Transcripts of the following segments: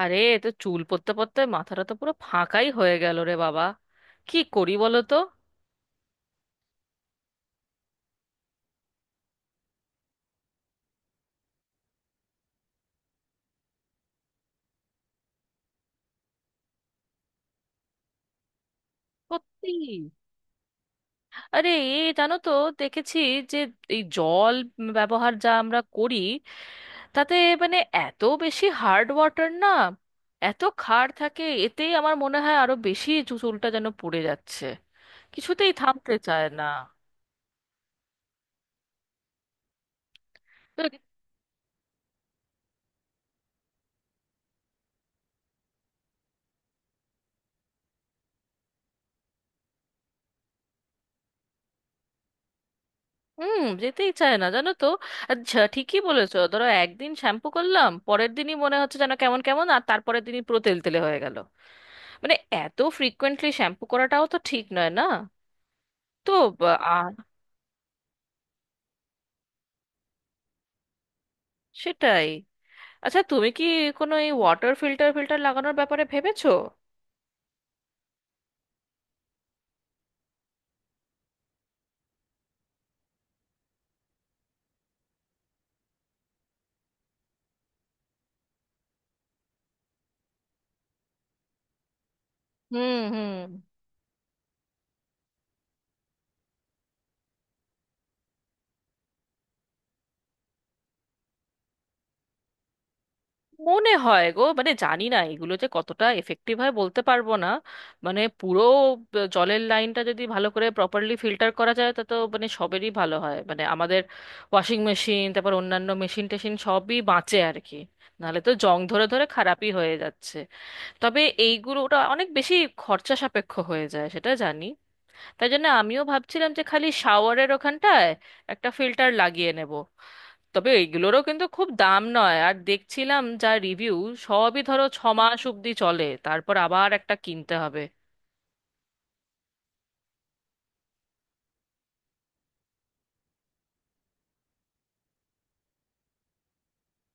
আরে এ তো চুল পড়তে পড়তে মাথাটা তো পুরো ফাঁকাই হয়ে গেল রে বাবা। কি করি বলো তো? সত্যি। আরে এ জানো তো, দেখেছি যে এই জল ব্যবহার যা আমরা করি তাতে মানে এত বেশি হার্ড ওয়াটার না, এত ক্ষার থাকে, এতেই আমার মনে হয় আরো বেশি চুলটা যেন পড়ে যাচ্ছে, কিছুতেই থামতে চায় না। হুম, যেতেই চায় না জানো তো। আচ্ছা, ঠিকই বলেছো, ধরো একদিন শ্যাম্পু করলাম পরের দিনই মনে হচ্ছে যেন কেমন কেমন আর তারপরের দিনই পুরো তেল তেলে হয়ে গেল। মানে এত ফ্রিকোয়েন্টলি শ্যাম্পু করাটাও তো ঠিক নয় না। তো বা- আ- সেটাই। আচ্ছা, তুমি কি কোনো এই ওয়াটার ফিল্টার ফিল্টার লাগানোর ব্যাপারে ভেবেছো? হুম হুম। মনে হয় গো, মানে জানি না এগুলো যে কতটা এফেক্টিভ হয় বলতে পারবো না। মানে পুরো জলের লাইনটা যদি ভালো করে প্রপারলি ফিল্টার করা যায়, তা তো মানে সবেরই ভালো হয়, মানে আমাদের ওয়াশিং মেশিন, তারপর অন্যান্য মেশিন টেশিন সবই বাঁচে আর কি। নাহলে তো জং ধরে ধরে খারাপই হয়ে যাচ্ছে। তবে এইগুলোটা অনেক বেশি খরচা সাপেক্ষ হয়ে যায় সেটা জানি, তাই জন্য আমিও ভাবছিলাম যে খালি শাওয়ারের ওখানটায় একটা ফিল্টার লাগিয়ে নেব। তবে এইগুলোরও কিন্তু খুব দাম নয়, আর দেখছিলাম যা রিভিউ সবই ধরো 6 মাস অব্দি চলে, তারপর আবার একটা কিনতে হবে।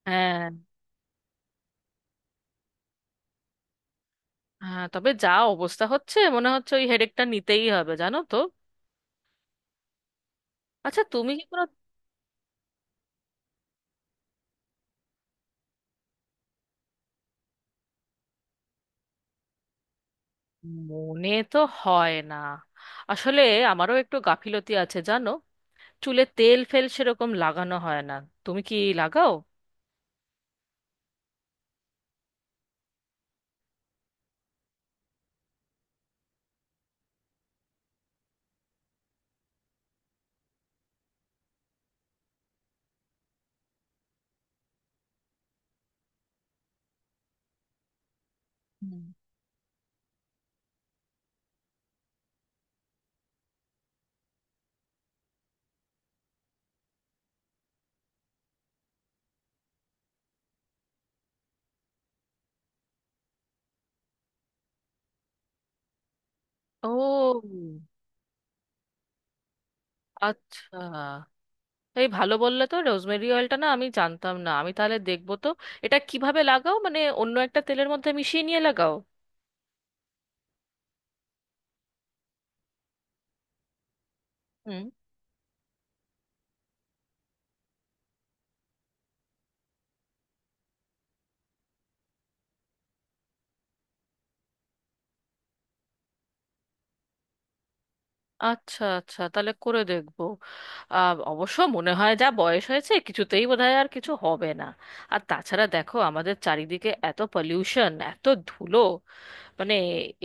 হ্যাঁ হ্যাঁ, তবে যা অবস্থা হচ্ছে মনে হচ্ছে ওই হেডেকটা নিতেই হবে জানো তো। আচ্ছা, তুমি কি কোনো। মনে তো হয় না। আসলে আমারও একটু গাফিলতি আছে জানো, চুলে তেল ফেল সেরকম লাগানো হয় না। তুমি কি লাগাও? হুম। ও আচ্ছা, এই ভালো বললে তো, রোজমেরি অয়েলটা না আমি জানতাম না, আমি তাহলে দেখবো তো। এটা কিভাবে লাগাও, মানে অন্য একটা তেলের মধ্যে মিশিয়ে নিয়ে লাগাও? হুম। আচ্ছা আচ্ছা, তাহলে করে দেখবো। অবশ্য মনে হয় যা বয়স হয়েছে কিছুতেই বোধহয় আর কিছু হবে না। আর তাছাড়া দেখো, আমাদের চারিদিকে এত পলিউশন এত ধুলো, মানে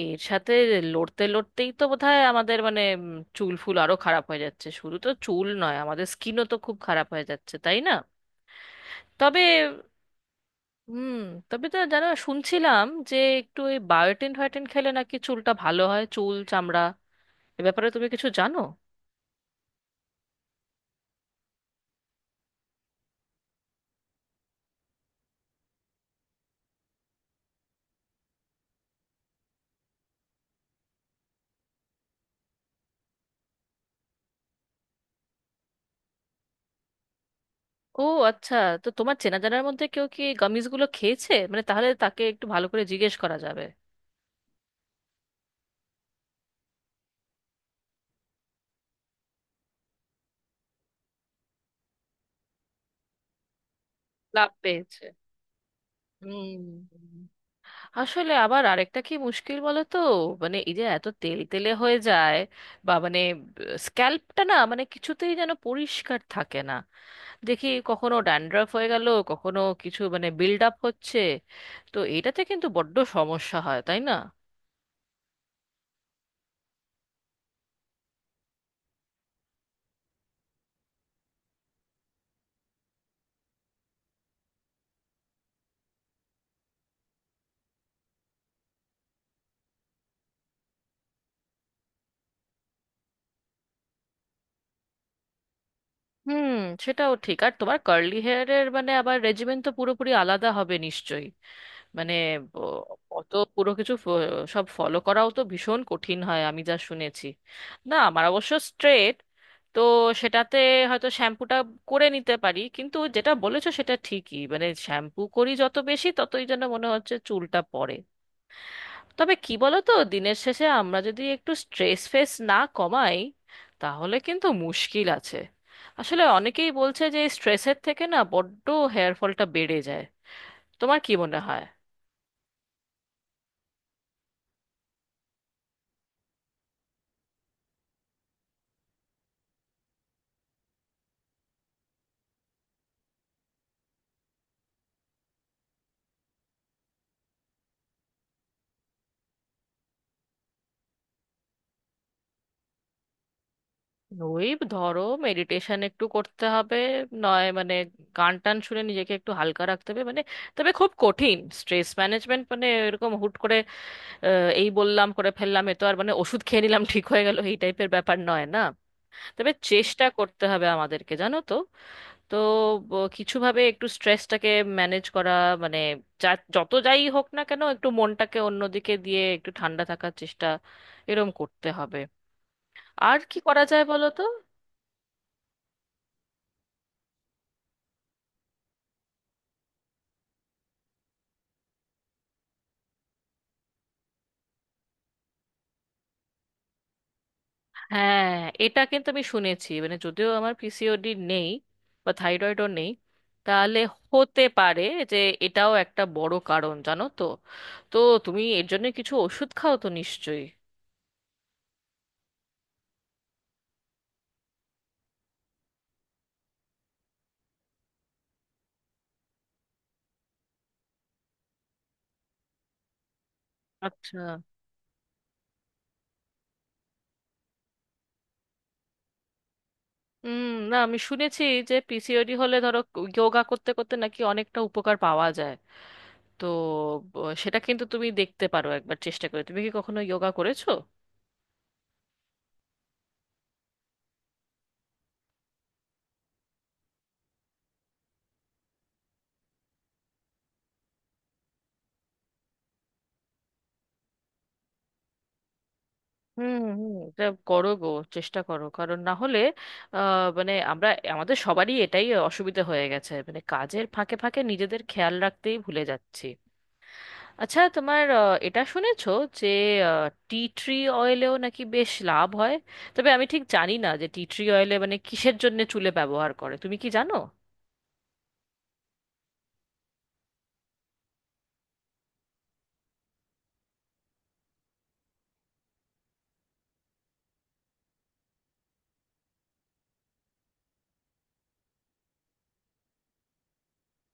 এর সাথে লড়তে লড়তেই তো বোধহয় আমাদের মানে চুল ফুল আরো খারাপ হয়ে যাচ্ছে, শুধু তো চুল নয় আমাদের স্কিনও তো খুব খারাপ হয়ে যাচ্ছে, তাই না? তবে হুম, তবে তো জানো শুনছিলাম যে একটু ওই বায়োটিন ফায়োটিন খেলে নাকি চুলটা ভালো হয়, চুল চামড়া, এ ব্যাপারে তুমি কিছু জানো? ও আচ্ছা, তো তোমার চেনা জানার মধ্যে কেউ কি গামিজ গুলো খেয়েছে মানে? তাহলে তাকে একটু ভালো করে জিজ্ঞেস করা যাবে। লাভ পেয়েছে। হুম। আসলে আবার আরেকটা কি মুশকিল বলো তো, মানে এই যে এত তেল তেলে হয়ে যায়, বা মানে স্ক্যাল্পটা না মানে কিছুতেই যেন পরিষ্কার থাকে না। দেখি কখনো ড্যান্ড্রাফ হয়ে গেল, কখনো কিছু মানে বিল্ড আপ হচ্ছে, তো এটাতে কিন্তু বড্ড সমস্যা হয় তাই না? হুম, সেটাও ঠিক। আর তোমার কার্লি হেয়ারের মানে আবার রেজিমেন্ট তো পুরোপুরি আলাদা হবে নিশ্চয়ই, মানে ব- অত পুরো কিছু সব ফলো করাও তো ভীষণ কঠিন হয়, আমি যা শুনেছি। না, আমার অবশ্য স্ট্রেট, তো সেটাতে হয়তো শ্যাম্পুটা করে নিতে পারি, কিন্তু যেটা বলেছো সেটা ঠিকই মানে শ্যাম্পু করি যত বেশি ততই যেন মনে হচ্ছে চুলটা পড়ে। তবে কি বলো তো, দিনের শেষে আমরা যদি একটু স্ট্রেস ফেস না কমাই, তাহলে কিন্তু মুশকিল আছে। আসলে অনেকেই বলছে যে স্ট্রেসের থেকে না বড্ড হেয়ার ফলটা বেড়ে যায়। তোমার কি মনে হয়? ওই ধরো মেডিটেশন একটু করতে হবে, নয় মানে গান টান শুনে নিজেকে একটু হালকা রাখতে হবে, মানে তবে খুব কঠিন স্ট্রেস ম্যানেজমেন্ট, মানে এরকম হুট করে এই বললাম করে ফেললাম, এ তো আর মানে ওষুধ খেয়ে নিলাম ঠিক হয়ে গেল এই টাইপের ব্যাপার নয় না। তবে চেষ্টা করতে হবে আমাদেরকে জানো তো। তো কিছুভাবে একটু স্ট্রেসটাকে ম্যানেজ করা মানে যা যত যাই হোক না কেন একটু মনটাকে অন্যদিকে দিয়ে একটু ঠান্ডা থাকার চেষ্টা, এরম করতে হবে। আর কি করা যায় বলো তো? হ্যাঁ, এটা কিন্তু আমি শুনেছি মানে, যদিও আমার পিসিওডি নেই বা থাইরয়েডও নেই, তাহলে হতে পারে যে এটাও একটা বড় কারণ জানো তো। তো তুমি এর জন্য কিছু ওষুধ খাও তো নিশ্চয়ই? আচ্ছা। হুম, না আমি শুনেছি যে পিসিওডি হলে ধরো যোগা করতে করতে নাকি অনেকটা উপকার পাওয়া যায়, তো সেটা কিন্তু তুমি দেখতে পারো একবার চেষ্টা করে। তুমি কি কখনো যোগা করেছো? হুম হুম, এটা করো গো, চেষ্টা করো কারণ না হলে মানে আমরা আমাদের সবারই এটাই অসুবিধা হয়ে গেছে মানে কাজের ফাঁকে ফাঁকে নিজেদের খেয়াল রাখতেই ভুলে যাচ্ছি। আচ্ছা তোমার, এটা শুনেছো যে টি ট্রি অয়েলেও নাকি বেশ লাভ হয়? তবে আমি ঠিক জানি না যে টি ট্রি অয়েলে মানে কিসের জন্য চুলে ব্যবহার করে, তুমি কি জানো?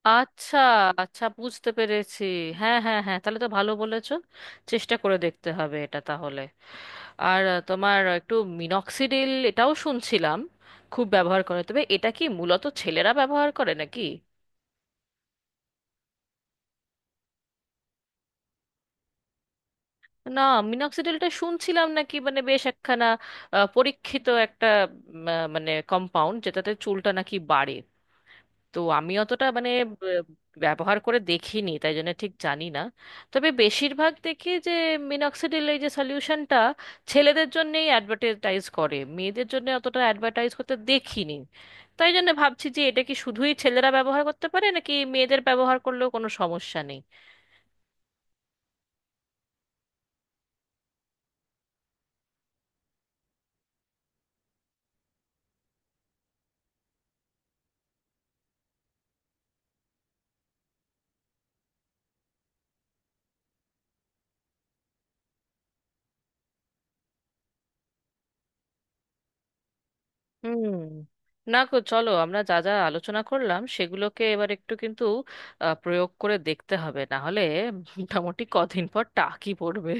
আচ্ছা আচ্ছা, বুঝতে পেরেছি। হ্যাঁ হ্যাঁ হ্যাঁ, তাহলে তো ভালো বলেছো, চেষ্টা করে দেখতে হবে এটা তাহলে। আর তোমার একটু মিনক্সিডিল এটাও শুনছিলাম খুব ব্যবহার করে, তবে এটা কি মূলত ছেলেরা ব্যবহার করে নাকি? না, মিনক্সিডিলটা শুনছিলাম নাকি মানে বেশ একখানা পরীক্ষিত একটা মানে কম্পাউন্ড যেটাতে চুলটা নাকি বাড়ে, তো আমি অতটা মানে ব- ব্যবহার করে দেখিনি তাই জন্য ঠিক জানি না। তবে বেশিরভাগ দেখি যে মিনক্সিডিল এই যে সলিউশনটা ছেলেদের জন্যেই অ্যাডভার্টাইজ করে, মেয়েদের জন্য অতটা অ্যাডভার্টাইজ করতে দেখিনি, তাই জন্য ভাবছি যে এটা কি শুধুই ছেলেরা ব্যবহার করতে পারে নাকি মেয়েদের ব্যবহার করলেও কোনো সমস্যা নেই? হুম, না গো, চলো আমরা যা যা আলোচনা করলাম সেগুলোকে এবার একটু কিন্তু প্রয়োগ করে দেখতে হবে, না হলে মোটামুটি কদিন পর টাকি পড়বে।